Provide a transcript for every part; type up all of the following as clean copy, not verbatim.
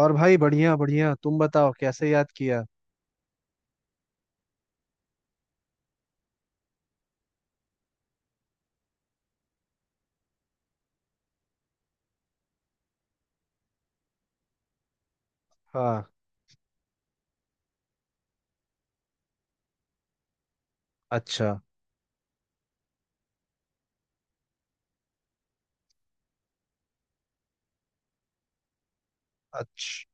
और भाई, बढ़िया बढ़िया। तुम बताओ, कैसे याद किया। हाँ। अच्छा। अच्छा,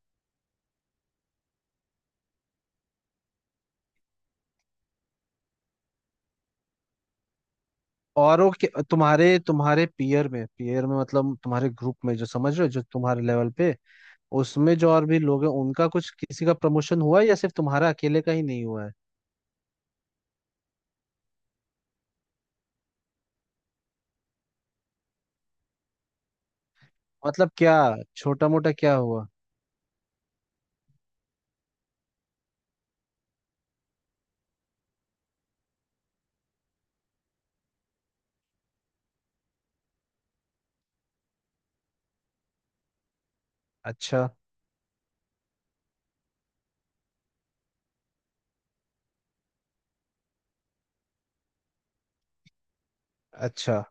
औरों के तुम्हारे तुम्हारे पीयर में, पीयर में, मतलब तुम्हारे ग्रुप में जो, समझ रहे हो, जो तुम्हारे लेवल पे, उसमें जो और भी लोग हैं उनका कुछ किसी का प्रमोशन हुआ है या सिर्फ तुम्हारा अकेले का ही नहीं हुआ है। मतलब क्या, छोटा मोटा क्या हुआ। अच्छा। अच्छा,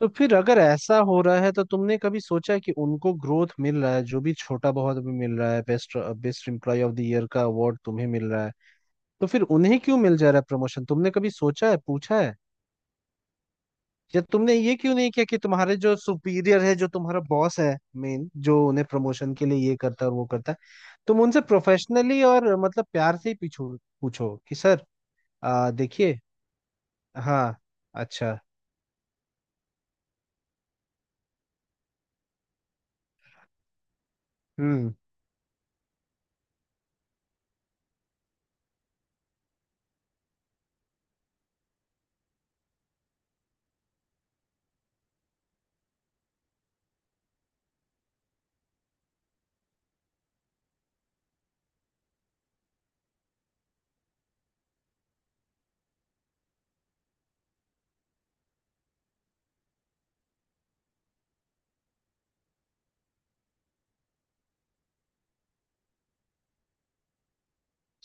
तो फिर अगर ऐसा हो रहा है तो तुमने कभी सोचा है कि उनको ग्रोथ मिल रहा है, जो भी छोटा बहुत भी मिल रहा है, best, best employ of the year का अवार्ड तुम्हें मिल रहा है, तो फिर उन्हें क्यों मिल जा रहा है प्रमोशन। तुमने कभी सोचा है, पूछा है। या तुमने ये क्यों नहीं किया कि तुम्हारे जो सुपीरियर है, जो तुम्हारा बॉस है, मेन जो उन्हें प्रमोशन के लिए ये करता है और वो करता है, तुम उनसे प्रोफेशनली और मतलब प्यार से ही पूछो। पूछो कि सर, देखिए। हाँ। अच्छा। हम्म।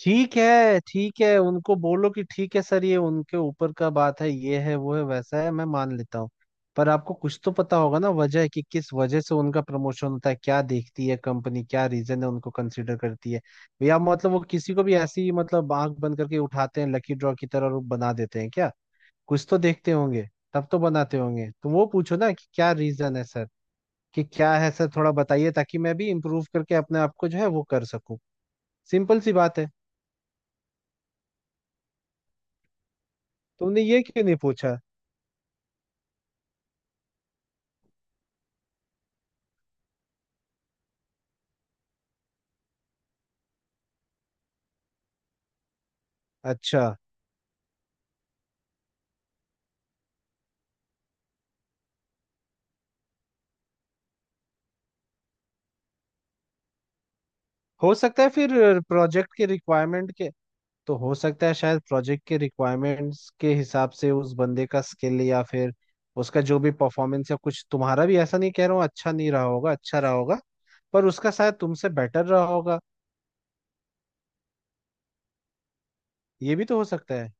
ठीक है, ठीक है, उनको बोलो कि ठीक है सर, ये उनके ऊपर का बात है, ये है वो है वैसा है, मैं मान लेता हूँ, पर आपको कुछ तो पता होगा ना वजह कि किस वजह से उनका प्रमोशन होता है, क्या देखती है कंपनी, क्या रीजन है उनको कंसिडर करती है। या मतलब वो किसी को भी ऐसी, मतलब आंख बंद करके उठाते हैं लकी ड्रॉ की तरह और बना देते हैं क्या, कुछ तो देखते होंगे, तब तो बनाते होंगे, तो वो पूछो ना कि क्या रीजन है सर, कि क्या है सर, थोड़ा बताइए ताकि मैं भी इम्प्रूव करके अपने आप को जो है वो कर सकूं। सिंपल सी बात है। तुमने ये क्यों नहीं पूछा। अच्छा, हो सकता है फिर प्रोजेक्ट के रिक्वायरमेंट के, तो हो सकता है शायद प्रोजेक्ट के रिक्वायरमेंट्स के हिसाब से उस बंदे का स्किल या फिर उसका जो भी परफॉर्मेंस या कुछ, तुम्हारा भी ऐसा नहीं कह रहा हूँ, अच्छा नहीं रहा होगा, अच्छा रहा होगा पर उसका शायद तुमसे बेटर रहा होगा, ये भी तो हो सकता है।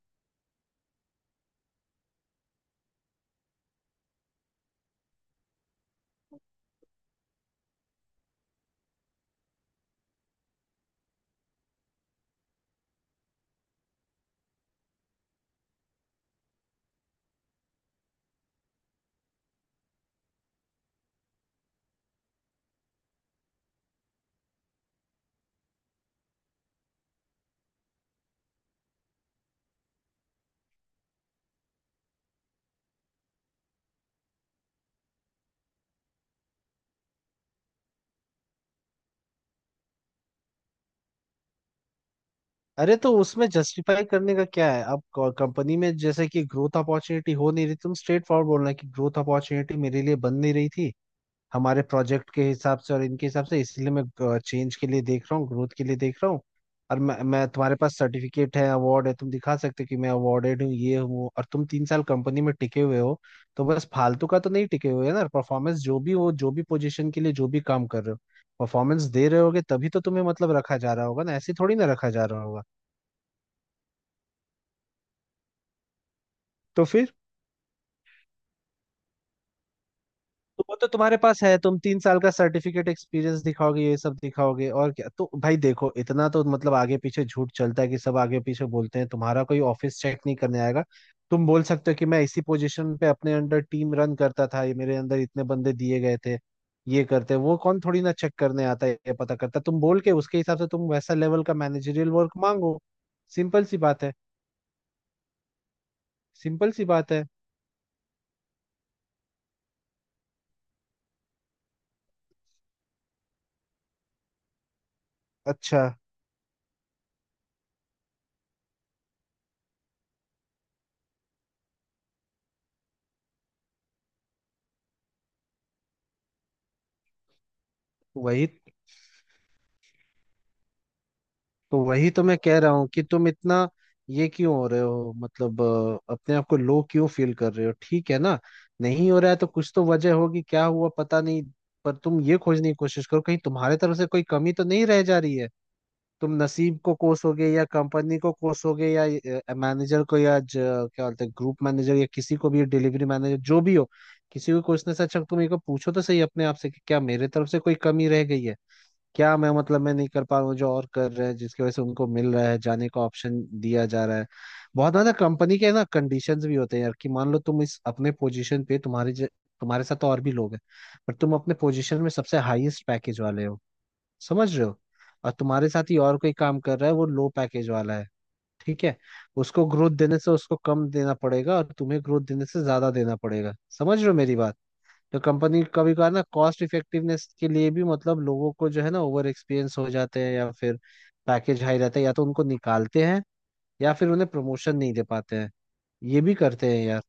अरे तो उसमें जस्टिफाई करने का क्या है, अब कंपनी में जैसे कि ग्रोथ अपॉर्चुनिटी हो नहीं रही, तुम स्ट्रेट फॉरवर्ड बोलना कि ग्रोथ अपॉर्चुनिटी मेरे लिए बन नहीं रही थी हमारे प्रोजेक्ट के हिसाब से और इनके हिसाब से, इसलिए मैं चेंज के लिए देख रहा हूँ, ग्रोथ के लिए देख रहा हूँ। और मैं तुम्हारे पास सर्टिफिकेट है, अवार्ड है, तुम दिखा सकते हो कि मैं अवार्डेड हूँ, ये हूँ, और तुम तीन साल कंपनी में टिके हुए हो, तो बस फालतू का तो नहीं टिके हुए ना, परफॉर्मेंस जो भी हो, जो भी पोजीशन के लिए जो भी काम कर रहे हो, परफॉर्मेंस दे रहे होगे तभी तो तुम्हें मतलब रखा जा रहा होगा ना, ऐसे थोड़ी ना रखा जा रहा होगा। तो फिर, तो वो तो तुम्हारे पास है, तुम तीन साल का सर्टिफिकेट, एक्सपीरियंस दिखाओगे ये सब दिखाओगे, और क्या, तो भाई देखो इतना तो मतलब आगे पीछे झूठ चलता है, कि सब आगे पीछे बोलते हैं, तुम्हारा कोई ऑफिस चेक नहीं करने आएगा। तुम बोल सकते हो कि मैं इसी पोजीशन पे अपने अंडर टीम रन करता था, ये मेरे अंदर इतने बंदे दिए गए थे, ये करते वो, कौन थोड़ी ना चेक करने आता है, ये पता करता है। तुम बोल के उसके हिसाब से तुम वैसा लेवल का मैनेजरियल वर्क मांगो। सिंपल सी बात है। सिंपल सी बात है। अच्छा। वही वही तो मैं कह रहा हूँ कि तुम इतना ये क्यों हो रहे हो, मतलब अपने आप को लो क्यों फील कर रहे हो, ठीक है ना। नहीं हो रहा है तो कुछ तो वजह होगी, क्या हुआ पता नहीं, पर तुम ये खोजने की कोशिश करो कहीं तुम्हारे तरफ से कोई कमी तो नहीं रह जा रही है। तुम नसीब को कोसोगे या कंपनी को कोसोगे या मैनेजर को या क्या बोलते हैं ग्रुप मैनेजर या किसी को भी, डिलीवरी मैनेजर जो भी हो, किसी को कोसने से अच्छा तुम एक बार पूछो तो सही अपने आप से कि क्या मेरे तरफ से कोई कमी रह गई है, क्या मैं, मतलब मैं नहीं कर पा रहा हूँ जो और कर रहे हैं, जिसकी वजह से उनको मिल रहा है, जाने का ऑप्शन दिया जा रहा है। बहुत ज्यादा कंपनी के ना कंडीशंस भी होते हैं यार, कि मान लो तुम इस अपने पोजीशन पे तुम्हारे तुम्हारे साथ तो और भी लोग हैं, पर तुम अपने पोजीशन में सबसे हाईएस्ट पैकेज वाले हो, समझ रहे हो, और तुम्हारे साथ ही और कोई काम कर रहा है, वो लो पैकेज वाला है, ठीक है। उसको ग्रोथ देने से उसको कम देना पड़ेगा और तुम्हें ग्रोथ देने से ज्यादा देना पड़ेगा, समझ रहे हो मेरी बात। तो कंपनी कभी कभार ना कॉस्ट इफेक्टिवनेस के लिए भी, मतलब लोगों को जो है ना, ओवर एक्सपीरियंस हो जाते हैं या फिर पैकेज हाई रहता है, या तो उनको निकालते हैं या फिर उन्हें प्रमोशन नहीं दे पाते हैं। ये भी करते हैं यार,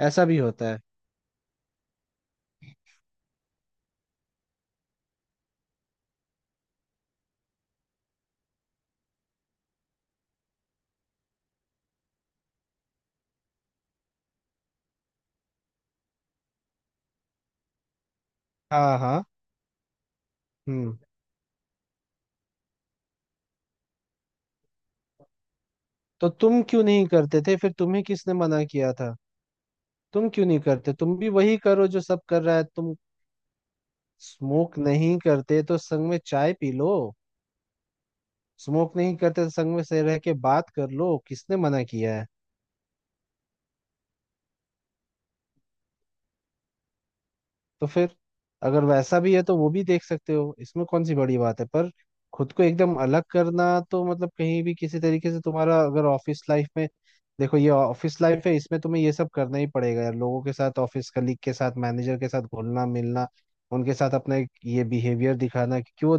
ऐसा भी होता है। हाँ हाँ। हम्म। तो तुम क्यों नहीं करते थे फिर, तुम्हें किसने मना किया था। तुम क्यों नहीं करते, तुम भी वही करो जो सब कर रहा है। तुम स्मोक नहीं करते तो संग में चाय पी लो, स्मोक नहीं करते तो संग में से रह के बात कर लो, किसने मना किया है। तो फिर अगर वैसा भी है तो वो भी देख सकते हो, इसमें कौन सी बड़ी बात है, पर खुद को एकदम अलग करना तो मतलब कहीं भी किसी तरीके से तुम्हारा अगर ऑफिस लाइफ में, देखो ये ऑफिस लाइफ है, इसमें तुम्हें ये सब करना ही पड़ेगा यार, लोगों के साथ, ऑफिस कलीग के साथ, मैनेजर के साथ घुलना मिलना, उनके साथ अपना एक ये बिहेवियर दिखाना, क्योंकि वो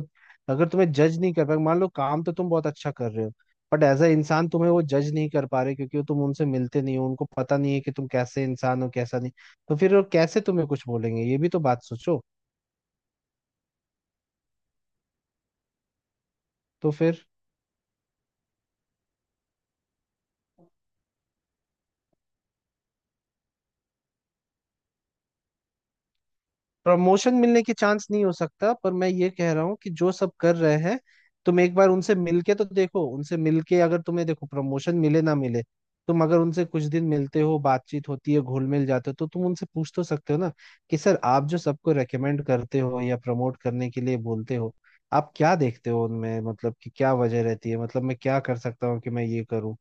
अगर तुम्हें जज नहीं कर पाए, मान लो काम तो तुम बहुत अच्छा कर रहे हो बट एज अ इंसान तुम्हें वो जज नहीं कर पा रहे क्योंकि वो, तुम उनसे मिलते नहीं हो, उनको पता नहीं है कि तुम कैसे इंसान हो कैसा नहीं, तो फिर वो कैसे तुम्हें कुछ बोलेंगे, ये भी तो बात सोचो। तो फिर प्रमोशन मिलने के चांस नहीं हो सकता, पर मैं ये कह रहा हूँ कि जो सब कर रहे हैं तुम एक बार उनसे मिलके तो देखो, उनसे मिलके अगर तुम्हें, देखो प्रमोशन मिले ना मिले, तुम अगर उनसे कुछ दिन मिलते हो, बातचीत होती है, घुल मिल जाते हो तो तुम उनसे पूछ तो सकते हो ना कि सर आप जो सबको रेकमेंड करते हो या प्रमोट करने के लिए बोलते हो, आप क्या देखते हो उनमें, मतलब कि क्या वजह रहती है, मतलब मैं क्या कर सकता हूँ कि मैं ये करूँ।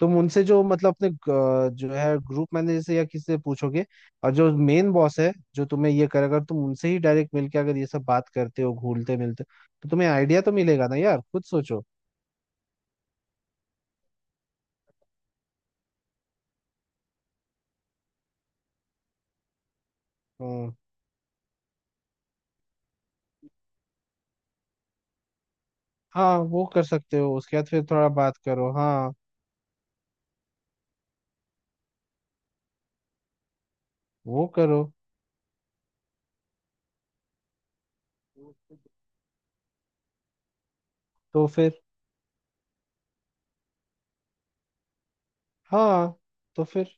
तुम उनसे जो मतलब अपने जो है ग्रुप मैनेजर से या किसी से पूछोगे, और जो मेन बॉस है जो तुम्हें ये करे, अगर तुम उनसे ही डायरेक्ट मिलके अगर ये सब बात करते हो, घूलते मिलते हो, तो तुम्हें आइडिया तो मिलेगा ना यार, खुद सोचो। हम्म। हाँ, वो कर सकते हो, उसके बाद फिर थोड़ा बात करो। हाँ, वो करो। तो फिर, हाँ, तो फिर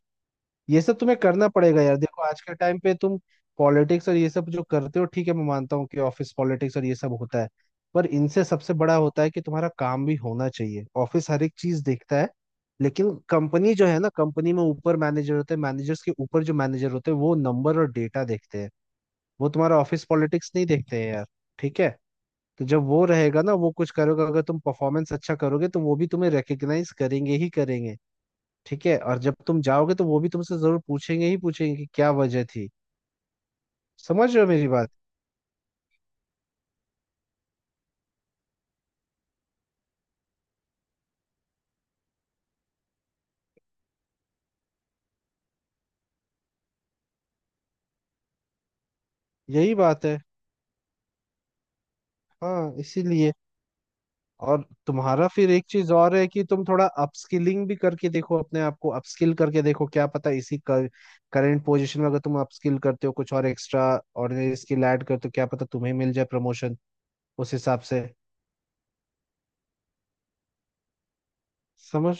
ये सब तुम्हें करना पड़ेगा यार। देखो आज के टाइम पे तुम पॉलिटिक्स और ये सब जो करते हो, ठीक है मैं मानता हूँ कि ऑफिस पॉलिटिक्स और ये सब होता है, पर इनसे सबसे बड़ा होता है कि तुम्हारा काम भी होना चाहिए, ऑफिस हर एक चीज देखता है। लेकिन कंपनी जो है ना, कंपनी में ऊपर मैनेजर होते हैं, मैनेजर्स के ऊपर जो मैनेजर होते हैं वो नंबर और डेटा देखते हैं, वो तुम्हारा ऑफिस पॉलिटिक्स नहीं देखते हैं यार। ठीक है, तो जब वो रहेगा ना, वो कुछ करोगे अगर तुम, परफॉर्मेंस अच्छा करोगे तो वो भी तुम्हें रिकग्नाइज करेंगे ही करेंगे, ठीक है, और जब तुम जाओगे तो वो भी तुमसे जरूर पूछेंगे ही पूछेंगे कि क्या वजह थी, समझ रहे हो मेरी बात। यही बात है। हाँ, इसीलिए। और तुम्हारा फिर एक चीज और है कि तुम थोड़ा अपस्किलिंग भी करके देखो, अपने आप को अपस्किल करके देखो, क्या पता करंट पोजीशन में अगर तुम अपस्किल करते हो कुछ और एक्स्ट्रा ऑर्डिनरी स्किल ऐड करते हो, क्या पता तुम्हें मिल जाए प्रमोशन उस हिसाब से। समझ।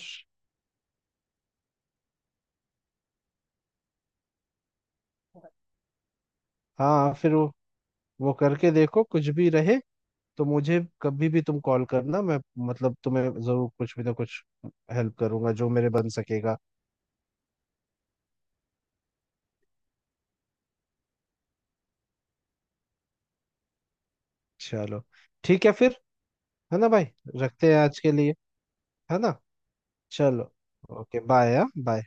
हाँ, फिर वो करके देखो, कुछ भी रहे तो मुझे कभी भी तुम कॉल करना, मैं मतलब तुम्हें जरूर कुछ भी ना कुछ हेल्प करूंगा जो मेरे बन सकेगा। चलो, ठीक है फिर, है ना भाई, रखते हैं आज के लिए। है ना, चलो, ओके बाय। हाँ, बाय।